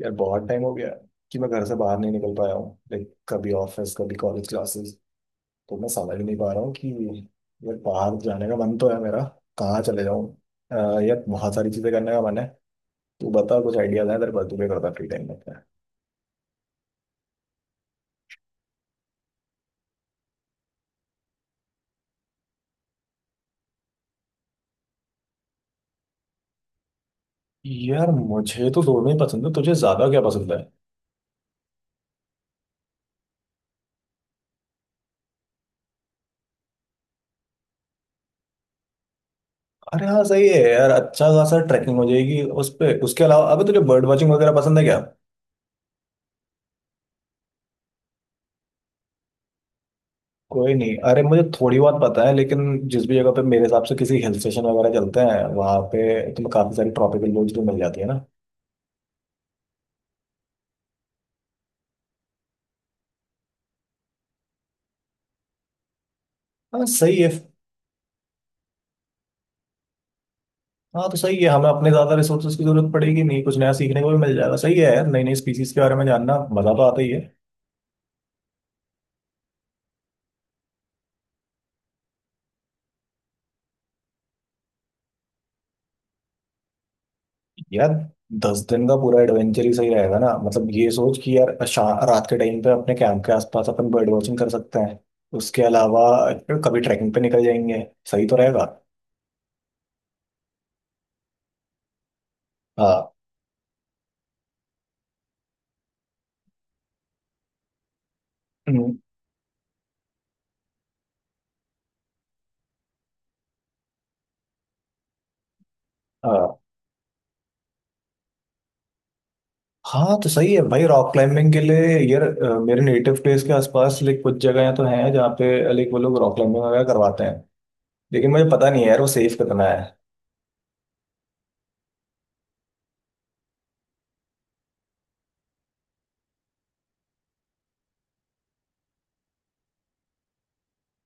यार बहुत टाइम हो गया कि मैं घर से बाहर नहीं निकल पाया हूँ। लाइक कभी ऑफिस, कभी कॉलेज क्लासेस, तो मैं समझ नहीं पा रहा हूँ कि यार बाहर जाने का मन तो है मेरा। कहाँ चले जाऊँ? यार बहुत सारी चीज़ें करने का मन है। तू बता, कुछ आइडियाज है तेरे पास? तू क्या करता फ्री टाइम में? यार मुझे तो दोनों ही पसंद है, तुझे ज्यादा क्या पसंद है? अरे हाँ, सही है यार। अच्छा खासा ट्रैकिंग हो जाएगी उस पे। उसके अलावा अबे तुझे बर्ड वॉचिंग वगैरह पसंद है क्या? कोई नहीं, अरे मुझे थोड़ी बहुत पता है, लेकिन जिस भी जगह पे, मेरे हिसाब से किसी हिल स्टेशन वगैरह चलते हैं वहाँ पे तुम्हें काफी सारी ट्रॉपिकल लॉज भी मिल जाती है ना। हाँ सही है। हाँ तो सही है, हमें अपने ज्यादा रिसोर्सेज की जरूरत पड़ेगी नहीं, कुछ नया सीखने को भी मिल जाएगा। सही है यार, नई नई स्पीसीज के बारे में जानना मजा तो आता ही है। यार 10 दिन का पूरा एडवेंचर ही सही रहेगा ना। मतलब ये सोच कि यार रात के टाइम पे अपने कैंप के आसपास अपन बर्ड वॉचिंग कर सकते हैं। उसके अलावा कभी ट्रैकिंग पे निकल जाएंगे। सही तो रहेगा। हाँ। हम्म, हाँ। हाँ तो सही है भाई, रॉक क्लाइंबिंग के लिए यार, मेरे नेटिव प्लेस के आसपास लाइक कुछ जगह तो हैं जहाँ पे लाइक वो लोग रॉक क्लाइंबिंग वगैरह करवाते हैं, लेकिन मुझे पता नहीं है यार वो सेफ कितना है।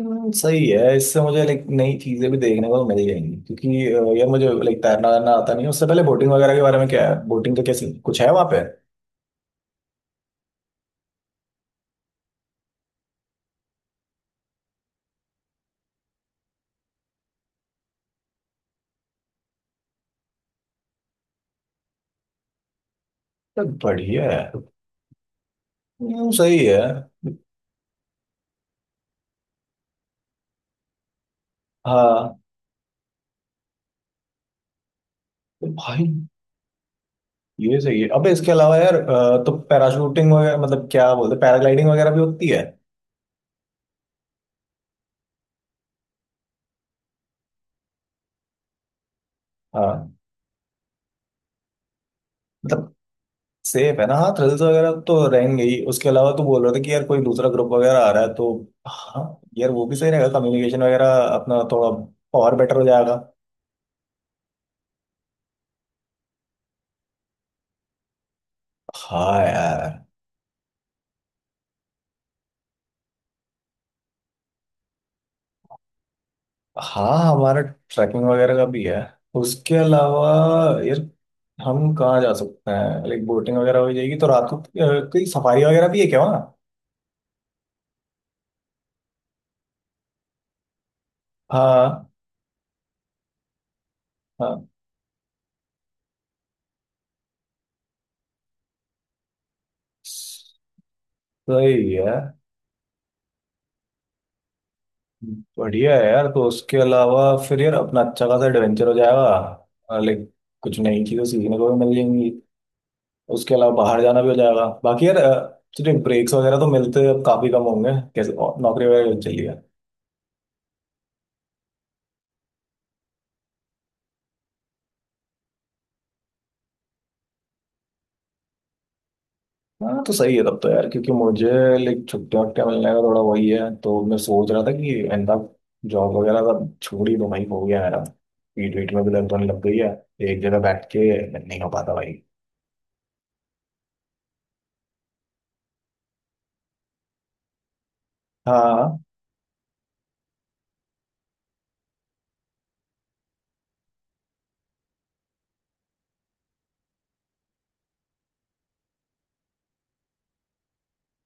सही है। इससे मुझे लाइक नई चीजें भी देखने को मिल जाएंगी, क्योंकि यार मुझे लाइक तैरना वैरना आता नहीं है। उससे पहले बोटिंग वगैरह के बारे में क्या है? बोटिंग का कैसे कुछ है वहाँ पे? तो बढ़िया है। सही है। हाँ। तो भाई, ये सही है। अबे इसके अलावा यार तो पैराशूटिंग वगैरह, मतलब क्या बोलते, पैराग्लाइडिंग वगैरह भी होती है? हाँ। मतलब सेफ है ना? हाँ थ्रिल्स वगैरह तो रहेंगे ही। उसके अलावा तो बोल रहा था कि यार कोई दूसरा ग्रुप वगैरह आ रहा है तो हाँ, यार वो भी सही रहेगा, कम्युनिकेशन वगैरह अपना थोड़ा और बेटर हो जाएगा। हाँ यार। हाँ, हमारा ट्रैकिंग वगैरह का भी है। उसके अलावा यार हम कहाँ जा सकते हैं? लाइक बोटिंग वगैरह हो जाएगी तो रात को कोई सफारी वगैरह भी है क्या वहाँ? हाँ। हाँ। सही है। बढ़िया है यार। तो उसके अलावा फिर यार अपना अच्छा खासा एडवेंचर हो जाएगा, लाइक कुछ नई चीजें सीखने को भी मिल जाएंगी। उसके अलावा बाहर जाना भी हो जाएगा। बाकी यार तुझे ब्रेक्स वगैरह तो मिलते अब काफी कम होंगे, कैसे? और नौकरी वगैरह चल रही है? हाँ तो सही है। तब तो यार, क्योंकि मुझे लाइक छुट्टियां वुट्टियां मिलने का थोड़ा वही है, तो मैं सोच रहा था कि इंदा जॉब वगैरह सब छोड़ ही दो भाई, हो गया मेरा। पीठ वीठ में भी दर्द होने लग गई है, एक जगह बैठ के नहीं हो पाता भाई। हाँ।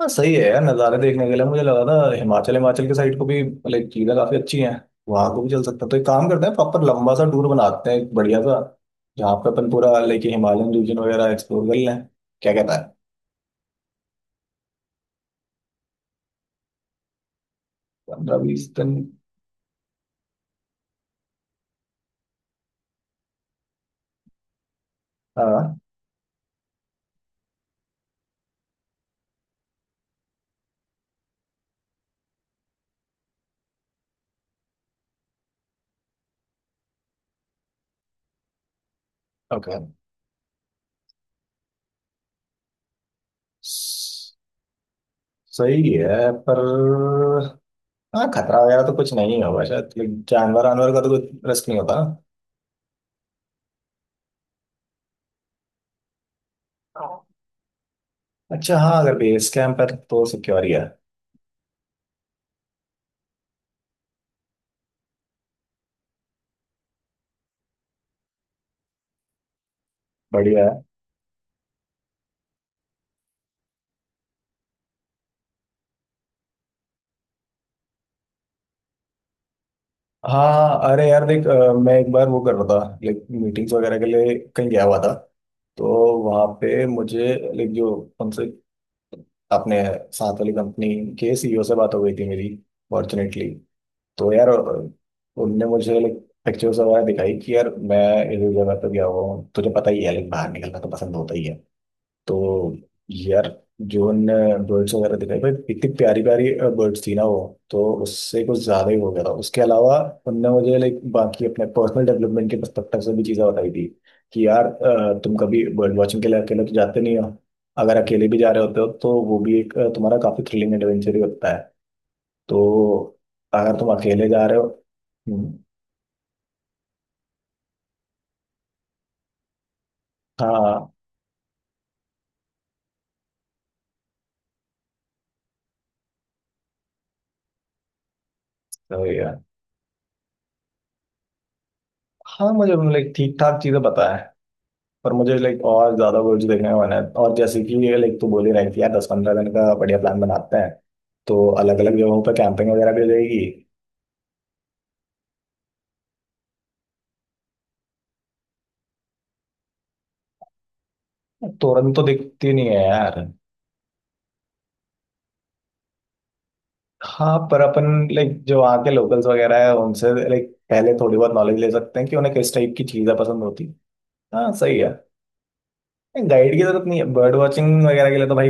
हाँ सही है यार। नज़ारे देखने के लिए मुझे लगा था हिमाचल, हिमाचल के साइड को भी लाइक चीज़ें काफ़ी अच्छी हैं, वहाँ को भी चल सकता है। तो एक काम करते हैं, प्रॉपर लंबा सा टूर बनाते हैं एक बढ़िया सा, जहाँ पे अपन पूरा लाइक हिमालयन रीजन वगैरह एक्सप्लोर कर लें। क्या कहता है? 15-20 दिन? हाँ। ओके। सही है, पर हाँ, खतरा वगैरह तो कुछ नहीं होगा शायद? लाइक जानवर वानवर का तो कुछ रिस्क नहीं होता ना? अच्छा, हाँ अगर बेस कैंप है तो सिक्योर ही है। बढ़िया। हाँ अरे यार देख, मैं एक बार वो कर रहा था, लाइक मीटिंग्स वगैरह के लिए कहीं गया हुआ था। तो वहाँ पे मुझे लाइक जो, उनसे, अपने साथ वाली कंपनी के सीईओ से बात हो गई थी मेरी, फॉर्चुनेटली। तो यार उनने मुझे लाइक पिक्चर्स वगैरह दिखाई कि यार मैं इस जगह पे गया हुआ हूँ। तुझे पता ही है, लाइक बाहर निकलना तो पसंद होता ही है। तो यार जो बर्ड्स वगैरह दिखाई भाई, इतनी प्यारी प्यारी बर्ड्स थी ना वो, तो उससे कुछ ज्यादा ही हो गया था। उसके अलावा उनने मुझे लाइक बाकी अपने पर्सनल डेवलपमेंट के पर्सपेक्टिव से भी चीजें बताई थी, कि यार तुम कभी बर्ड वॉचिंग के लिए अकेले तो जाते नहीं हो। अगर अकेले भी जा रहे होते हो तो वो भी एक तुम्हारा काफी थ्रिलिंग एडवेंचर ही होता है। तो अगर तुम अकेले जा रहे हो। हम्म, हाँ। तो यार हाँ, मुझे लाइक ठीक ठाक चीजें बताया, पर मुझे लाइक और ज्यादा वर्ड्स देखने का मन है। और जैसे कि ये लाइक तू बोल ही रही थी यार, 10-15 दिन का बढ़िया प्लान बनाते हैं, तो अलग अलग जगहों पर कैंपिंग वगैरह भी हो जाएगी। तुरंत तो दिखती नहीं है यार। हाँ, पर अपन लाइक जो वहाँ के लोकल्स वगैरह है उनसे लाइक पहले थोड़ी बहुत नॉलेज ले सकते हैं कि उन्हें किस टाइप की चीज़ें पसंद होती। हाँ सही है। गाइड की जरूरत नहीं है बर्ड वॉचिंग वगैरह के लिए, तो भाई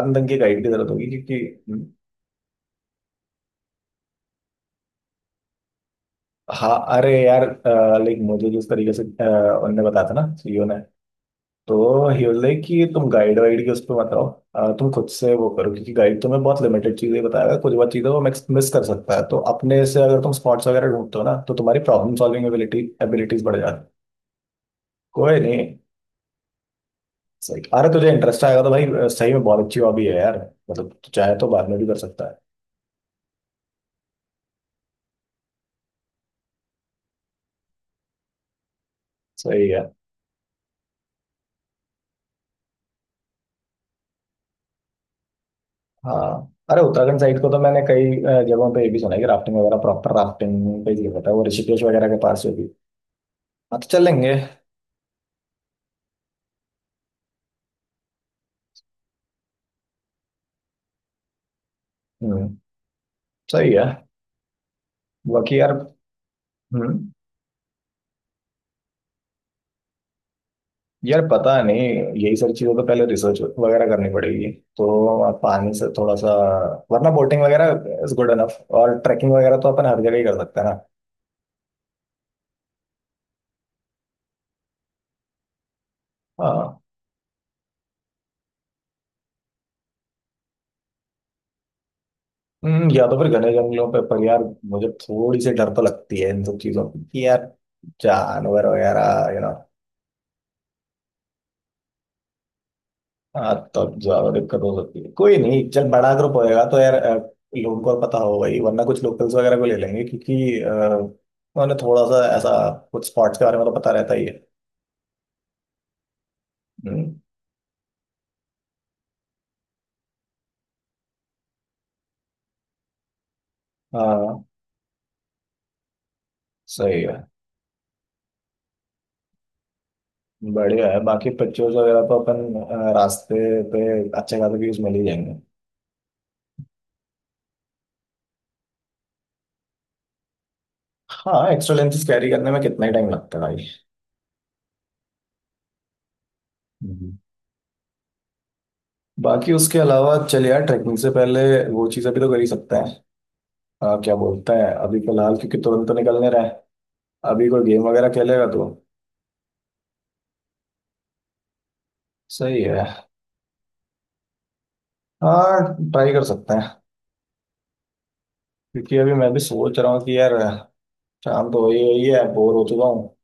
अंत के गाइड की जरूरत होगी, क्योंकि हाँ अरे यार, लाइक मुझे जिस तरीके से उनने बताया था ना सीईओ, तो ही वाज लाइक कि तुम गाइड वाइड के उस पर मत रहो, तुम खुद से वो करो, क्योंकि गाइड तुम्हें बहुत लिमिटेड चीजें बताएगा। कुछ बहुत चीजें वो मिस कर सकता है। तो अपने से अगर तुम स्पॉट्स वगैरह ढूंढते हो ना, तो तुम्हारी प्रॉब्लम सॉल्विंग एबिलिटीज बढ़ जाती है। कोई नहीं। सही। अरे तुझे इंटरेस्ट आएगा तो भाई, सही में बहुत अच्छी हॉबी है यार। मतलब तू चाहे तो बाद में भी कर सकता है। सही है। हाँ अरे, उत्तराखंड साइड को तो मैंने कई जगहों पे ये भी सुना है कि राफ्टिंग वगैरह, प्रॉपर राफ्टिंग पे ही होता है वो ऋषिकेश वगैरह के पास जो भी। हाँ तो चलेंगे। हम्म सही है। बाकी यार। हम्म यार पता नहीं, यही सारी चीजों पे पहले रिसर्च वगैरह करनी पड़ेगी, तो आप पानी से थोड़ा सा, वरना बोटिंग वगैरह इज गुड इनफ। और ट्रैकिंग वगैरह तो अपन हर जगह ही कर सकते हैं ना। हाँ। या तो फिर घने जंगलों पे, पर यार मुझे थोड़ी सी डर तो लगती है इन सब चीजों की, कि यार जानवर वगैरह यू नो। हाँ तब ज्यादा दिक्कत हो सकती है। कोई नहीं, चल बड़ा ग्रुप होएगा तो यार लोगों को पता होगा ही, वरना कुछ लोकल्स वगैरह को ले लेंगे, क्योंकि उन्हें थोड़ा सा ऐसा कुछ स्पॉट्स के बारे में तो पता रहता ही है। हम्म। हाँ सही है। बढ़िया है। बाकी पिक्चर्स वगैरह तो अपन रास्ते पे अच्छे खासे व्यूज मिल ही जाएंगे। हाँ, एक्स्ट्रा लेंसेज कैरी करने में कितना ही टाइम लगता है भाई। हम्म। बाकी उसके अलावा चलिए यार, ट्रैकिंग से पहले वो चीज़ें भी तो कर ही सकते हैं। क्या बोलते हैं, अभी फिलहाल, क्योंकि तुरंत तो निकलने रहे हैं, अभी कोई गेम वगैरह खेलेगा तो? सही है। हाँ, ट्राई कर सकते हैं। क्योंकि अभी मैं भी सोच रहा हूँ कि यार शाम तो हो ही रही है, बोर हो चुका हूँ,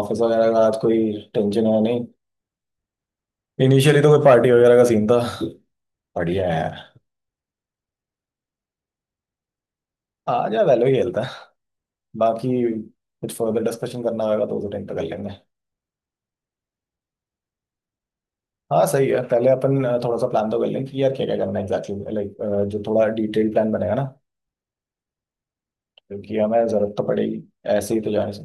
ऑफिस वगैरह का आज कोई टेंशन है नहीं। इनिशियली तो कोई पार्टी वगैरह का सीन था। बढ़िया है यार। आ जा, वेलो ही खेलता है। बाकी कुछ फर्दर डिस्कशन करना होगा तो उस टाइम पे कर लेंगे। हाँ सही है, पहले अपन थोड़ा सा प्लान तो कर लेंगे कि यार क्या क्या करना है एग्जैक्टली, लाइक जो थोड़ा डिटेल प्लान बनेगा ना, क्योंकि हमें जरूरत तो पड़ेगी, ऐसे ही तो जाने से।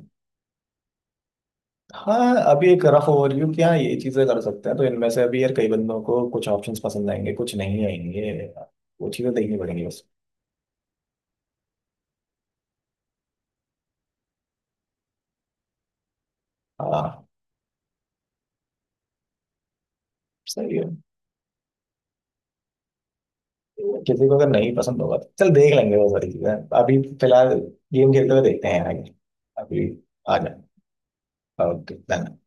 हाँ, अभी एक रफ ओवरव्यू, कि हाँ ये चीज़ें कर सकते हैं, तो इनमें से अभी यार कई बंदों को कुछ ऑप्शंस पसंद आएंगे, कुछ नहीं आएंगे, वो चीज़ें देखनी पड़ेंगी बस। हाँ सही है। किसी को अगर नहीं पसंद होगा तो चल देख लेंगे वो सारी चीजें। अभी फिलहाल गेम खेलते हुए देखते हैं आगे। अभी आ जाए। ओके, धन्यवाद।